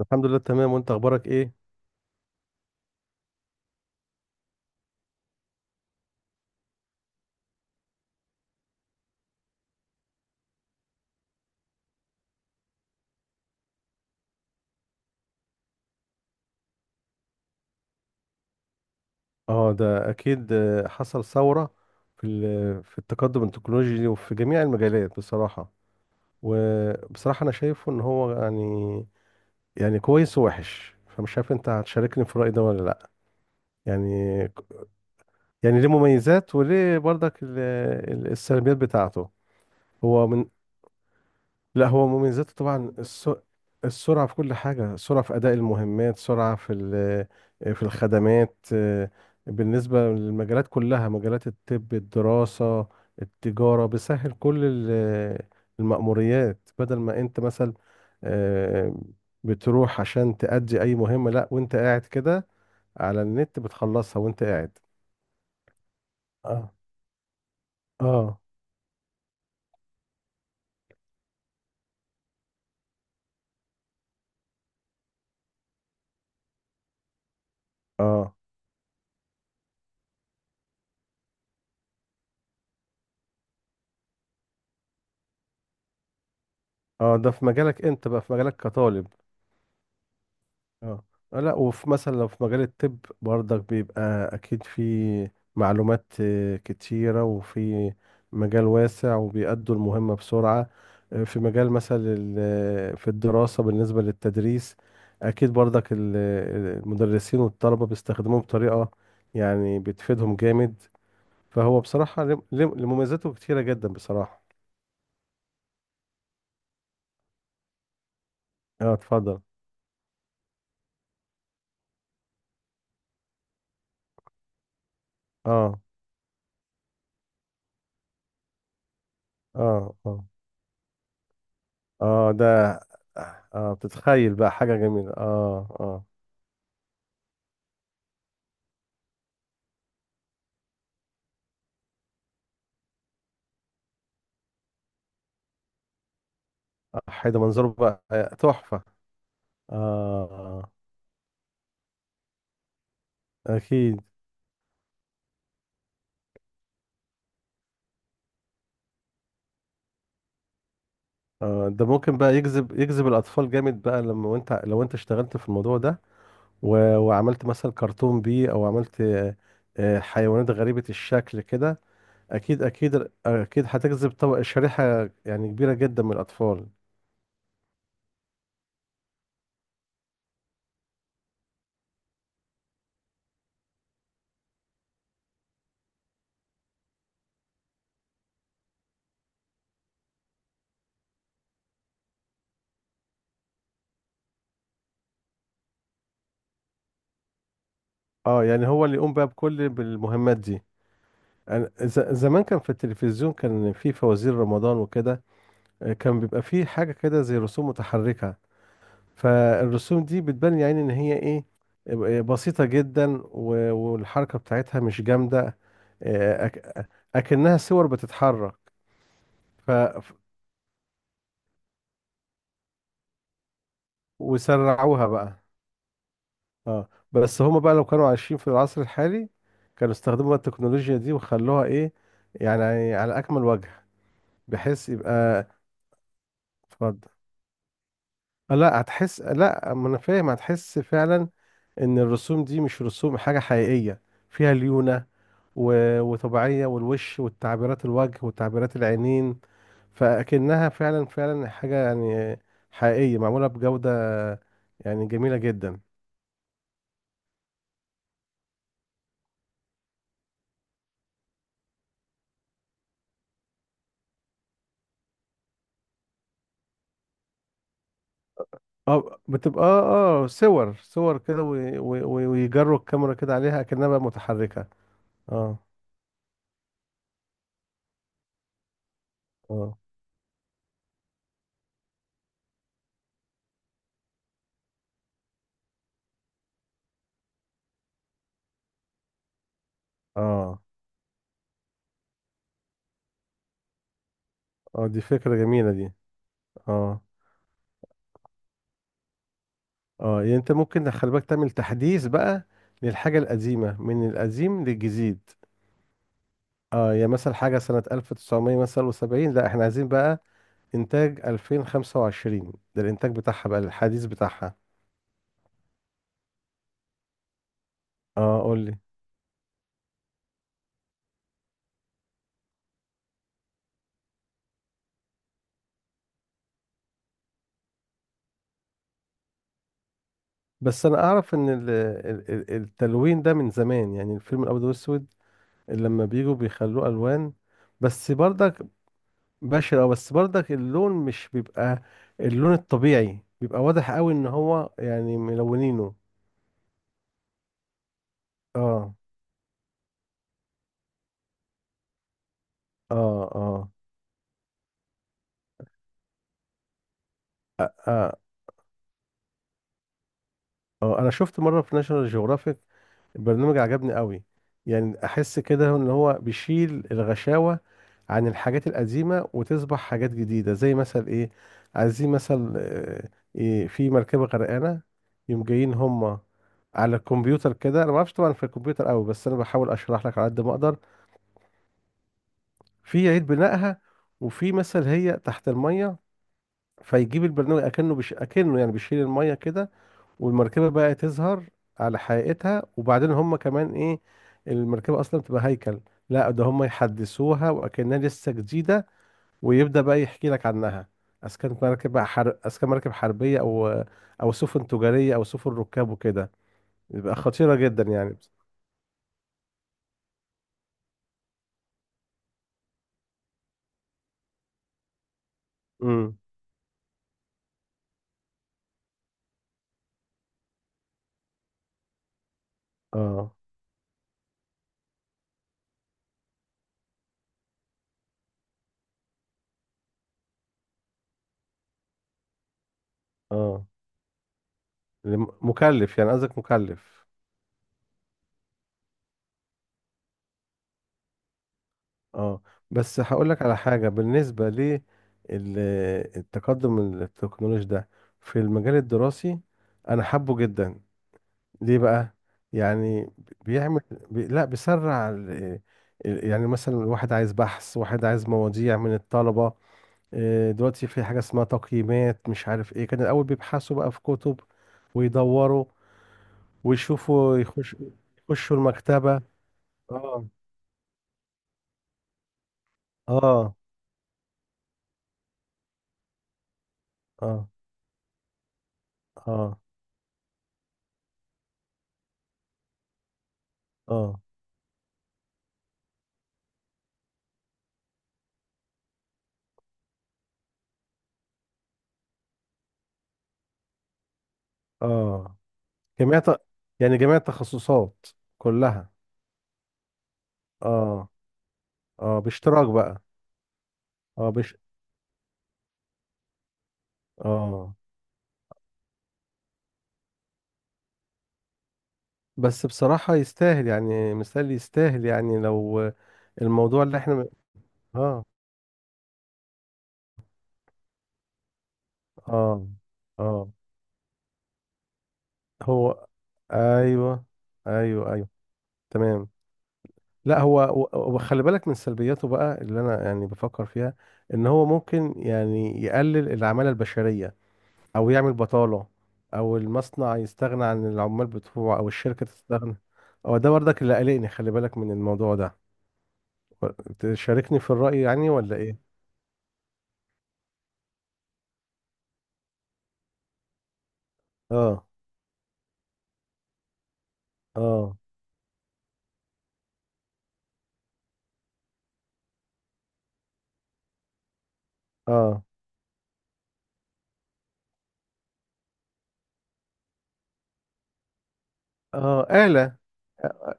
الحمد لله تمام، وانت اخبارك ايه؟ اه، ده اكيد، حصل ثورة في التقدم التكنولوجي وفي جميع المجالات بصراحة. وبصراحة انا شايفه ان هو يعني، يعني كويس ووحش، فمش عارف انت هتشاركني في الرأي ده ولا لا. يعني يعني ليه مميزات، وليه برضك السلبيات بتاعته. هو من لا، هو مميزاته طبعا السرعة في كل حاجة، سرعة في أداء المهمات، سرعة في الخدمات، بالنسبة للمجالات كلها، مجالات الطب، الدراسة، التجارة. بيسهل كل المأموريات، بدل ما أنت مثلا، آه، بتروح عشان تأدي أي مهمة، لا وأنت قاعد كده على النت بتخلصها وأنت قاعد. اه. اه. اه. اه، ده في مجالك أنت بقى، في مجالك كطالب. اه. لا، وفي مثلا لو في مجال الطب برضك بيبقى اكيد في معلومات كتيرة، وفي مجال واسع، وبيأدوا المهمة بسرعة. في مجال مثلا في الدراسة، بالنسبة للتدريس اكيد برضك المدرسين والطلبة بيستخدموه بطريقة يعني بتفيدهم جامد. فهو بصراحة لمميزاته كتيرة جدا بصراحة. اه، اتفضل. اه. اه. اه. اه، ده. اه، بتتخيل بقى حاجة جميلة. اه. اه. حيدة منظره بقى، تحفة. اه. اه، اكيد. آه، ده ممكن بقى يجذب، يجذب الاطفال جامد بقى لما، وانت لو انت اشتغلت في الموضوع ده وعملت مثلا كرتون بيه، او عملت حيوانات غريبة الشكل كده. اكيد اكيد اكيد هتجذب طبق، شريحة يعني كبيرة جدا من الاطفال. اه، يعني هو اللي يقوم بقى بكل، بالمهمات دي. زمان كان في التلفزيون، كان في فوازير رمضان وكده، كان بيبقى فيه حاجة كده زي رسوم متحركة. فالرسوم دي بتبان يعني إن هي إيه، بسيطة جدا والحركة بتاعتها مش جامدة. آه، أك- أكنها صور بتتحرك. ف... ف- وسرعوها بقى. اه، بس هما بقى لو كانوا عايشين في العصر الحالي كانوا استخدموا بقى التكنولوجيا دي وخلوها إيه، يعني على أكمل وجه، بحيث يبقى. اتفضل. لا، هتحس، لا ما أنا فاهم، هتحس فعلا ان الرسوم دي مش رسوم حاجة حقيقية فيها ليونة وطبيعية، والوش والتعبيرات، الوجه، وتعبيرات العينين. فأكنها فعلا، فعلا حاجة يعني حقيقية معمولة بجودة، يعني جميلة جدا. اه بتبقى اه، صور، صور كده ويجروا الكاميرا كده عليها أكنها بقى متحركة. اه. اه. اه. اه، دي فكرة جميلة دي. اه. اه، يعني انت ممكن خلي بالك تعمل تحديث بقى للحاجة القديمة، من القديم للجديد. اه، يا مثلا حاجة سنة 1900 مثلا وسبعين، لا احنا عايزين بقى انتاج 2025، ده الانتاج بتاعها بقى، الحديث بتاعها. اه، قول لي. بس انا اعرف ان التلوين ده من زمان، يعني الفيلم الابيض والاسود لما بيجوا بيخلوه الوان، بس برضك بشع أوي، بس برضك اللون مش بيبقى اللون الطبيعي، بيبقى واضح قوي ان هو يعني ملونينه. اه. اه. اه. آه. آه. انا شفت مرة في ناشونال جيوغرافيك، البرنامج عجبني قوي، يعني احس كده ان هو بيشيل الغشاوة عن الحاجات القديمة وتصبح حاجات جديدة. زي مثلا ايه، عايزين مثلا، إيه، في مركبة غرقانة، يوم جايين هما على الكمبيوتر كده. انا ما اعرفش طبعا في الكمبيوتر قوي، بس انا بحاول اشرح لك على قد ما اقدر. في عيد بنائها، وفي مثلا هي تحت المية، فيجيب البرنامج اكنه يعني بيشيل المية كده، والمركبة بقى تظهر على حقيقتها. وبعدين هم كمان ايه، المركبة اصلا تبقى هيكل، لا ده هم يحدثوها وكأنها لسه جديدة، ويبدأ بقى يحكي لك عنها، اذا كانت مركب بقى اذا كان مركب حربية، او او سفن تجارية او سفن ركاب وكده، يبقى خطيرة جدا يعني. امم. اه. اه. مكلف يعني، قصدك مكلف. اه، بس هقول لك على حاجة، بالنسبة للتقدم التكنولوجي ده في المجال الدراسي، أنا حابه جدا. ليه بقى؟ يعني بيعمل لا، بيسرع يعني مثلا واحد عايز بحث، واحد عايز مواضيع من الطلبة. دلوقتي في حاجة اسمها تقييمات، مش عارف ايه. كان الأول بيبحثوا بقى في كتب ويدوروا ويشوفوا، يخش، يخشوا المكتبة. اه. اه. اه. اه. اه. اه. جميع يعني جميع التخصصات كلها. اه. اه، باشتراك بقى. اه. بش اه. بس بصراحة يستاهل، يعني مثال يستاهل يعني لو الموضوع اللي احنا. اه. اه. اه هو. ايوه. ايوه ايوه. تمام. لا، هو وخلي بالك من سلبياته بقى، اللي انا يعني بفكر فيها، ان هو ممكن يعني يقلل العمالة البشرية، او يعمل بطالة، او المصنع يستغنى عن العمال بتوعه، او الشركة تستغنى. هو ده برضك اللي قلقني، خلي بالك من الموضوع ده. تشاركني في الرأي يعني ولا ايه؟ اه. اه. اه. اه، آلة.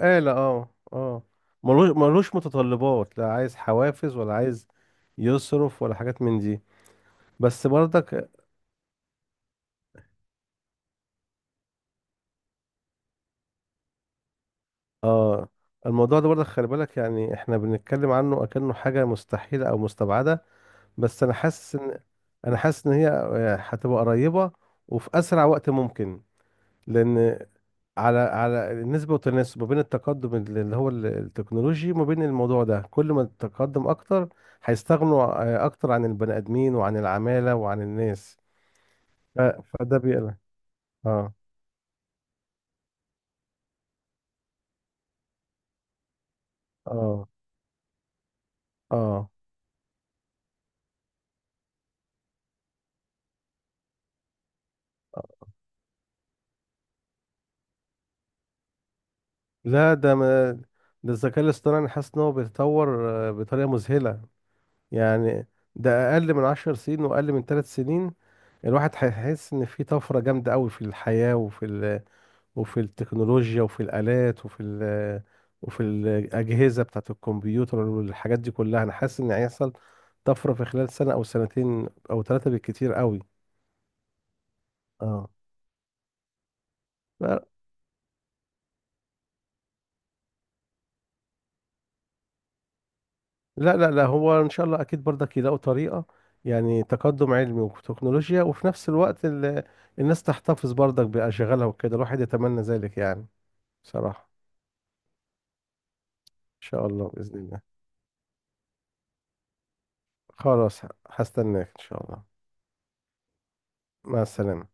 آلة. اه. اه. ملوش، ملوش متطلبات، لا عايز حوافز ولا عايز يصرف ولا حاجات من دي. بس برضك، اه، الموضوع ده برضك خلي بالك، يعني احنا بنتكلم عنه اكنه حاجة مستحيلة او مستبعدة، بس انا حاسس ان، انا حاسس ان هي هتبقى قريبة، وفي اسرع وقت ممكن. لان على، على النسبة والتناسب ما بين التقدم اللي هو التكنولوجي، وما بين الموضوع ده، كل ما التقدم اكتر هيستغنوا اكتر عن البني ادمين وعن العمالة وعن الناس. فده بيقلق. اه. اه. اه. لا ده ما، ده الذكاء الاصطناعي أنا حاسس ان هو بيتطور بطريقه مذهله يعني. ده اقل من عشر سنين واقل من ثلاث سنين، الواحد هيحس ان في طفره جامده قوي في الحياه وفي التكنولوجيا وفي الالات وفي الاجهزه بتاعه الكمبيوتر والحاجات دي كلها. انا حاسس ان هيحصل طفره في خلال سنه او سنتين او ثلاثه بالكتير قوي. اه. لا لا لا، لا، هو ان شاء الله اكيد برضك يلاقوا طريقه، يعني تقدم علمي وتكنولوجيا، وفي نفس الوقت الناس تحتفظ برضك باشغالها وكده، الواحد يتمنى ذلك يعني. بصراحه. ان شاء الله باذن الله. خلاص. هستناك ان شاء الله. مع السلامة.